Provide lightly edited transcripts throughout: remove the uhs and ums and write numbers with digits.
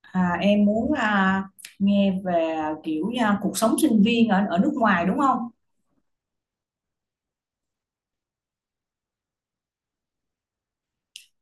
Em muốn nghe về, kiểu, cuộc sống sinh viên ở ở nước ngoài đúng không?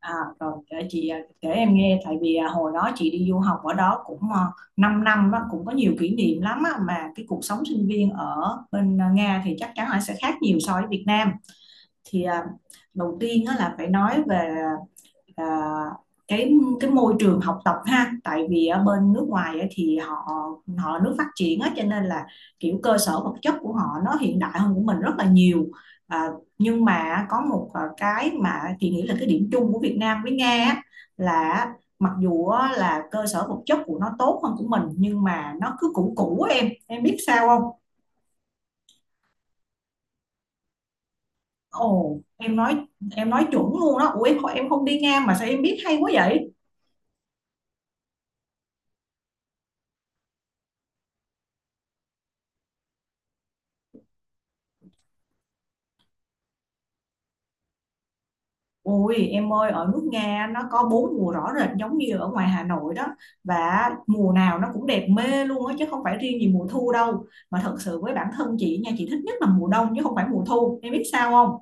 À, Rồi để chị, kể em nghe tại vì, hồi đó chị đi du học ở đó cũng 5 năm đó, cũng có nhiều kỷ niệm lắm á, mà cái cuộc sống sinh viên ở bên, Nga thì chắc chắn là sẽ khác nhiều so với Việt Nam. Thì, đầu tiên á là phải nói về, à, cái cái môi trường học tập ha, tại vì ở bên nước ngoài thì họ họ nước phát triển á cho nên là kiểu cơ sở vật chất của họ nó hiện đại hơn của mình rất là nhiều. à, nhưng mà có một, cái mà chị nghĩ là cái điểm chung của Việt Nam với Nga á, là mặc dù á, là cơ sở vật chất của nó tốt hơn của mình nhưng mà nó cứ cũ cũ á, em biết sao không? Ồ, em nói chuẩn luôn đó. Ủa em không đi Nga mà sao em biết hay quá vậy? Ôi em ơi, ở nước Nga nó có bốn mùa rõ rệt giống như ở ngoài Hà Nội đó, và mùa nào nó cũng đẹp mê luôn á, chứ không phải riêng gì mùa thu đâu. Mà thật sự với bản thân chị nha, chị thích nhất là mùa đông chứ không phải mùa thu, em biết sao không?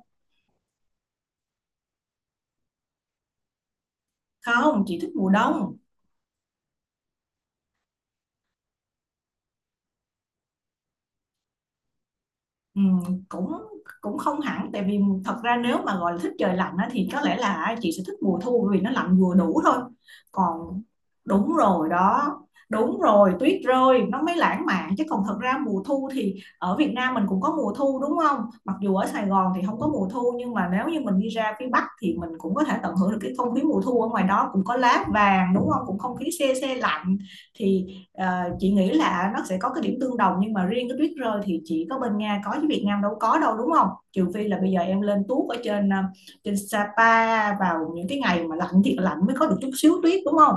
Không, chị thích mùa đông. Cũng cũng không hẳn, tại vì thật ra nếu mà gọi là thích trời lạnh á, thì có lẽ là chị sẽ thích mùa thu bởi vì nó lạnh vừa đủ thôi. Còn đúng rồi đó. Đúng rồi, tuyết rơi nó mới lãng mạn chứ, còn thật ra mùa thu thì ở Việt Nam mình cũng có mùa thu đúng không. Mặc dù ở Sài Gòn thì không có mùa thu nhưng mà nếu như mình đi ra phía Bắc thì mình cũng có thể tận hưởng được cái không khí mùa thu ở ngoài đó, cũng có lá vàng đúng không, cũng không khí se se lạnh. Thì ờ, chị nghĩ là nó sẽ có cái điểm tương đồng, nhưng mà riêng cái tuyết rơi thì chỉ có bên Nga có chứ Việt Nam đâu có đâu đúng không? Trừ phi là bây giờ em lên tuốt ở trên, trên Sapa vào những cái ngày mà lạnh thiệt lạnh mới có được chút xíu tuyết đúng không?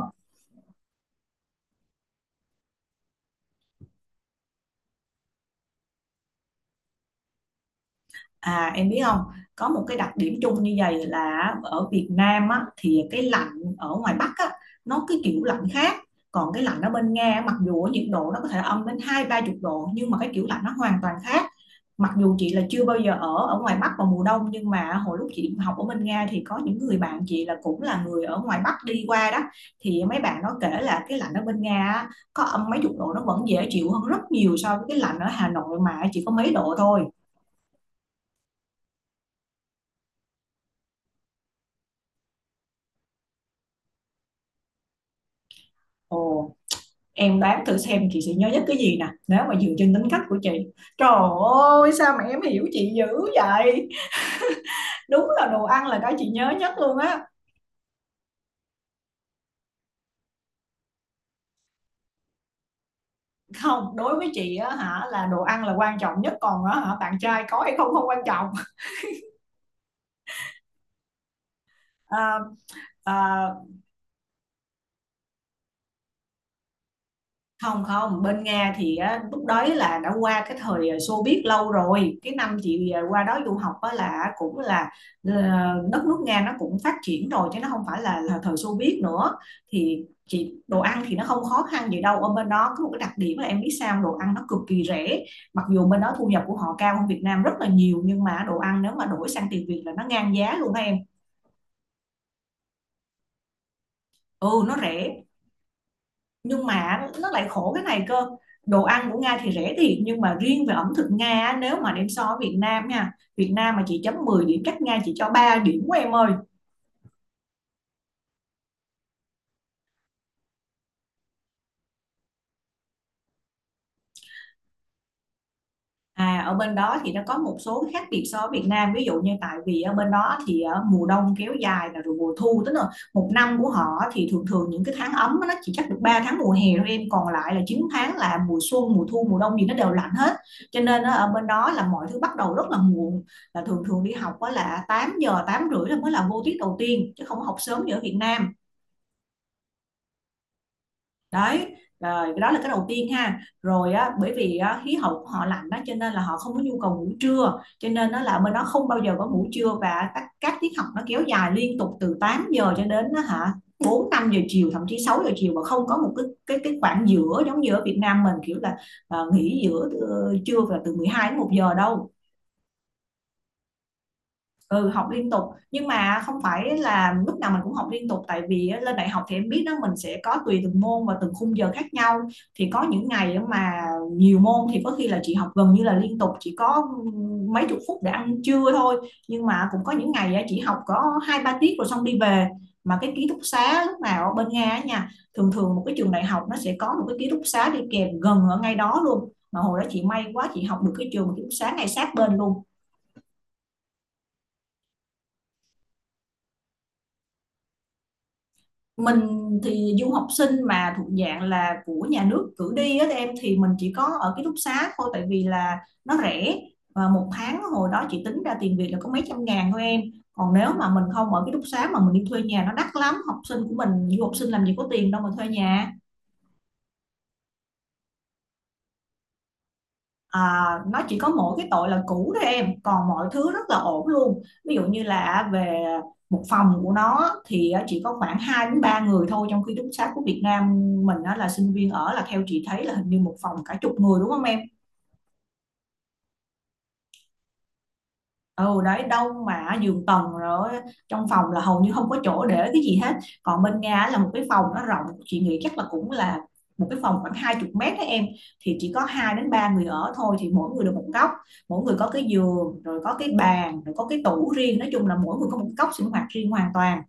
À em biết không, có một cái đặc điểm chung như vậy là ở Việt Nam á, thì cái lạnh ở ngoài Bắc á, nó cái kiểu lạnh khác. Còn cái lạnh ở bên Nga á, mặc dù ở nhiệt độ nó có thể âm đến hai ba chục độ nhưng mà cái kiểu lạnh nó hoàn toàn khác. Mặc dù chị là chưa bao giờ ở ở ngoài Bắc vào mùa đông nhưng mà hồi lúc chị học ở bên Nga thì có những người bạn chị là cũng là người ở ngoài Bắc đi qua đó, thì mấy bạn nó kể là cái lạnh ở bên Nga á, có âm mấy chục độ nó vẫn dễ chịu hơn rất nhiều so với cái lạnh ở Hà Nội mà chỉ có mấy độ thôi. Ồ. Em đoán thử xem chị sẽ nhớ nhất cái gì nè, nếu mà dựa trên tính cách của chị. Trời ơi, sao mà em hiểu chị dữ vậy! Đúng là đồ ăn là cái chị nhớ nhất luôn á. Không, đối với chị á hả, là đồ ăn là quan trọng nhất. Còn á hả, bạn trai có hay không không quan trọng. à, à, Không không, bên Nga thì á, lúc đấy là đã qua cái thời Xô Viết lâu rồi, cái năm chị, qua đó du học á, là cũng là ờ, đất nước Nga nó cũng phát triển rồi chứ nó không phải là thời Xô Viết nữa. Thì chị đồ ăn thì nó không khó khăn gì đâu, ở bên đó có một cái đặc điểm là em biết sao không? Đồ ăn nó cực kỳ rẻ, mặc dù bên đó thu nhập của họ cao hơn Việt Nam rất là nhiều nhưng mà đồ ăn nếu mà đổi sang tiền Việt là nó ngang giá luôn đó em. Ừ nó rẻ. Nhưng mà nó lại khổ cái này cơ, đồ ăn của Nga thì rẻ thiệt nhưng mà riêng về ẩm thực Nga á, nếu mà đem so với Việt Nam nha, Việt Nam mà chị chấm 10 điểm cách Nga chỉ cho 3 điểm của em ơi. À, ở bên đó thì nó có một số khác biệt so với Việt Nam, ví dụ như tại vì ở bên đó thì mùa đông kéo dài là rồi mùa thu tức là một năm của họ thì thường thường những cái tháng ấm á, nó chỉ chắc được 3 tháng mùa hè thôi em, còn lại là 9 tháng là mùa xuân mùa thu mùa đông gì nó đều lạnh hết. Cho nên á, ở bên đó là mọi thứ bắt đầu rất là muộn, là thường thường đi học á là 8 giờ 8 rưỡi là mới là vô tiết đầu tiên chứ không có học sớm như ở Việt Nam. Đấy rồi, cái đó là cái đầu tiên ha. Rồi á, bởi vì á, khí hậu của họ lạnh đó cho nên là họ không có nhu cầu ngủ trưa, cho nên nó là bên đó không bao giờ có ngủ trưa, và các tiết học nó kéo dài liên tục từ 8 giờ cho đến á, hả, 4 5 giờ chiều thậm chí 6 giờ chiều, mà không có một cái cái khoảng giữa giống như ở Việt Nam mình kiểu là nghỉ giữa trưa và từ 12 đến một giờ đâu. Ừ học liên tục, nhưng mà không phải là lúc nào mình cũng học liên tục tại vì á, lên đại học thì em biết đó mình sẽ có tùy từng môn và từng khung giờ khác nhau. Thì có những ngày á mà nhiều môn thì có khi là chị học gần như là liên tục, chỉ có mấy chục phút để ăn trưa thôi, nhưng mà cũng có những ngày á, chị học có hai ba tiết rồi xong đi về. Mà cái ký túc xá lúc nào ở bên Nga á nha, thường thường một cái trường đại học nó sẽ có một cái ký túc xá đi kèm gần ở ngay đó luôn, mà hồi đó chị may quá chị học được cái trường ký túc xá ngay sát bên luôn. Mình thì du học sinh mà thuộc dạng là của nhà nước cử đi á em, thì mình chỉ có ở ký túc xá thôi tại vì là nó rẻ, và một tháng hồi đó chị tính ra tiền Việt là có mấy trăm ngàn thôi em. Còn nếu mà mình không ở ký túc xá mà mình đi thuê nhà nó đắt lắm, học sinh của mình du học sinh làm gì có tiền đâu mà thuê nhà. À, nó chỉ có mỗi cái tội là cũ thôi em, còn mọi thứ rất là ổn luôn. Ví dụ như là về một phòng của nó thì chỉ có khoảng 2 đến 3 người thôi, trong khi túc xá của Việt Nam mình á, là sinh viên ở là theo chị thấy là hình như một phòng cả chục người đúng không em. Ừ đấy, đông mà giường tầng rồi, trong phòng là hầu như không có chỗ để cái gì hết. Còn bên Nga là một cái phòng nó rộng, chị nghĩ chắc là cũng là một cái phòng khoảng 20 mét đấy em, thì chỉ có hai đến ba người ở thôi, thì mỗi người được một góc, mỗi người có cái giường rồi có cái bàn rồi có cái tủ riêng, nói chung là mỗi người có một góc sinh hoạt riêng hoàn toàn.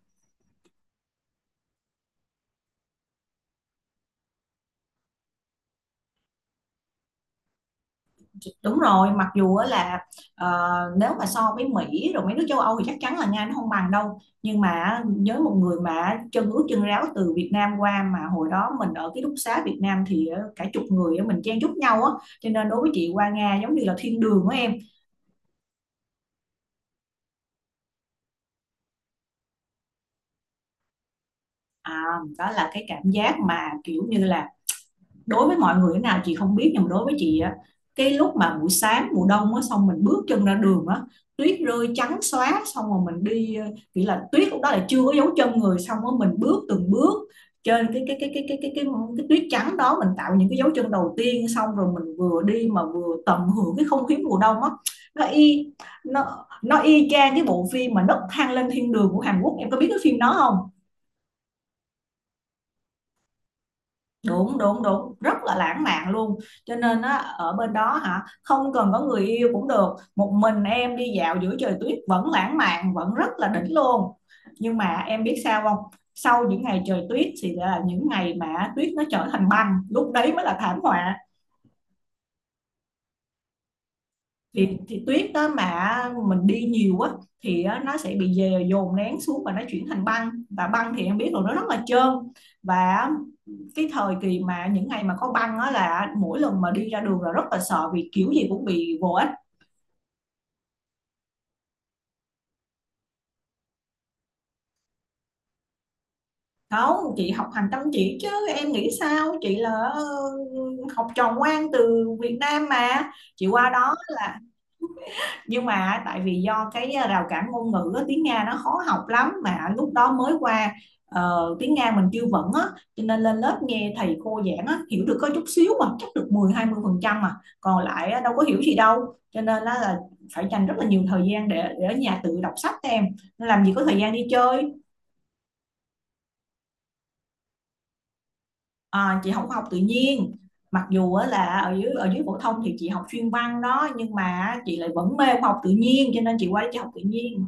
Đúng rồi, mặc dù á là ờ, nếu mà so với Mỹ rồi mấy nước châu Âu thì chắc chắn là Nga nó không bằng đâu, nhưng mà với một người mà chân ướt chân ráo từ Việt Nam qua mà hồi đó mình ở ký túc xá Việt Nam thì cả chục người á, mình chen chúc nhau á, cho nên đối với chị qua Nga giống như là thiên đường của em. à, Đó là cái cảm giác mà kiểu như là đối với mọi người thế nào chị không biết, nhưng mà đối với chị á, cái lúc mà buổi sáng mùa đông á xong mình bước chân ra đường á, tuyết rơi trắng xóa, xong rồi mình đi, nghĩa là tuyết lúc đó là chưa có dấu chân người, xong rồi mình bước từng bước trên cái tuyết trắng đó mình tạo những cái dấu chân đầu tiên xong rồi mình vừa đi mà vừa tận hưởng cái không khí mùa đông á. Nó y nó nó y chang cái bộ phim mà nấc thang lên thiên đường của Hàn Quốc, em có biết cái phim đó không? Đúng, đúng, đúng, rất là lãng mạn luôn. Cho nên á, ở bên đó hả, không cần có người yêu cũng được, một mình em đi dạo giữa trời tuyết vẫn lãng mạn, vẫn rất là đỉnh luôn. Nhưng mà em biết sao không? Sau những ngày trời tuyết thì là những ngày mà tuyết nó trở thành băng, lúc đấy mới là thảm họa. Thì tuyết đó mà mình đi nhiều quá thì á, nó sẽ bị dồn nén xuống và nó chuyển thành băng, và băng thì em biết rồi, nó rất là trơn. Và cái thời kỳ mà những ngày mà có băng á là mỗi lần mà đi ra đường là rất là sợ, vì kiểu gì cũng bị vô ích. Không, chị học hành chăm chỉ chứ. Em nghĩ sao, chị là học trò ngoan từ Việt Nam mà chị qua đó là. Nhưng mà tại vì do cái rào cản ngôn ngữ, tiếng Nga nó khó học lắm, mà lúc đó mới qua, tiếng Nga mình chưa vững á, cho nên lên lớp nghe thầy cô giảng á hiểu được có chút xíu, mà chắc được 10-20%, mà còn lại đâu có hiểu gì đâu, cho nên á là phải dành rất là nhiều thời gian để ở nhà tự đọc sách em, làm gì có thời gian đi chơi. À, chị không học tự nhiên, mặc dù là ở dưới phổ thông thì chị học chuyên văn đó, nhưng mà chị lại vẫn mê học tự nhiên cho nên chị qua đây chị học tự nhiên.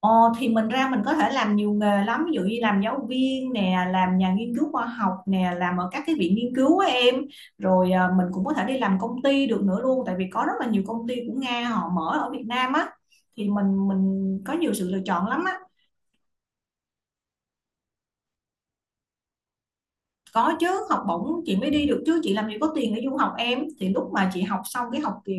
Ờ, thì mình ra mình có thể làm nhiều nghề lắm, ví dụ như làm giáo viên nè, làm nhà nghiên cứu khoa học nè, làm ở các cái viện nghiên cứu á em. Rồi à, mình cũng có thể đi làm công ty được nữa luôn, tại vì có rất là nhiều công ty của Nga họ mở ở Việt Nam á, thì mình có nhiều sự lựa chọn lắm á. Có chứ, học bổng chị mới đi được chứ, chị làm gì có tiền để du học em, thì lúc mà chị học xong cái học kỳ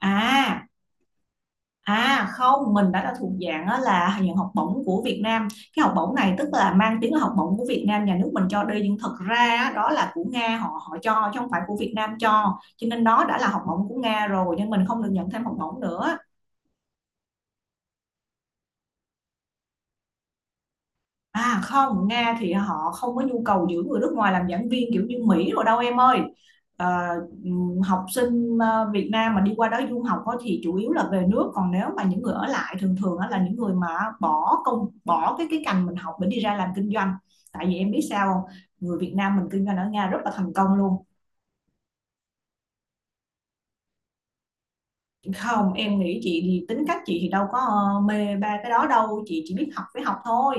à. À không, mình đã là thuộc dạng á, là nhận học bổng của Việt Nam. Cái học bổng này tức là mang tiếng là học bổng của Việt Nam, nhà nước mình cho đi, nhưng thật ra á, đó là của Nga, họ họ cho chứ không phải của Việt Nam cho. Cho nên đó đã là học bổng của Nga rồi, nhưng mình không được nhận thêm học bổng nữa. À không, Nga thì họ không có nhu cầu giữ người nước ngoài làm giảng viên kiểu như Mỹ rồi đâu em ơi. Ờ, học sinh Việt Nam mà đi qua đó du học á thì chủ yếu là về nước, còn nếu mà những người ở lại thường thường á là những người mà bỏ công bỏ cái ngành mình học để đi ra làm kinh doanh, tại vì em biết sao không? Người Việt Nam mình kinh doanh ở Nga rất là thành công luôn. Không, em nghĩ chị thì tính cách chị thì đâu có mê ba cái đó đâu, chị chỉ biết học với học thôi.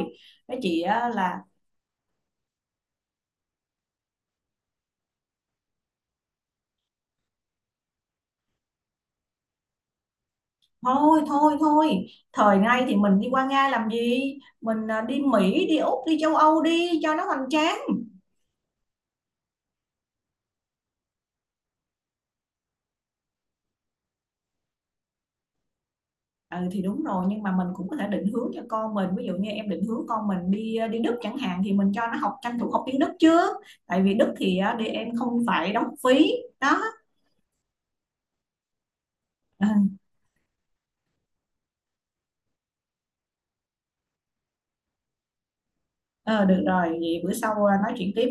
Với chị á là thôi thôi thôi, thời nay thì mình đi qua Nga làm gì, mình à, đi Mỹ, đi Úc, đi châu Âu đi cho nó hoành tráng. Ừ thì đúng rồi, nhưng mà mình cũng có thể định hướng cho con mình, ví dụ như em định hướng con mình đi à, đi Đức chẳng hạn thì mình cho nó học, tranh thủ học tiếng Đức trước, tại vì Đức thì à, đi em không phải đóng phí. Đó. Ừ, ờ, được rồi, vậy bữa sau à, nói chuyện tiếp.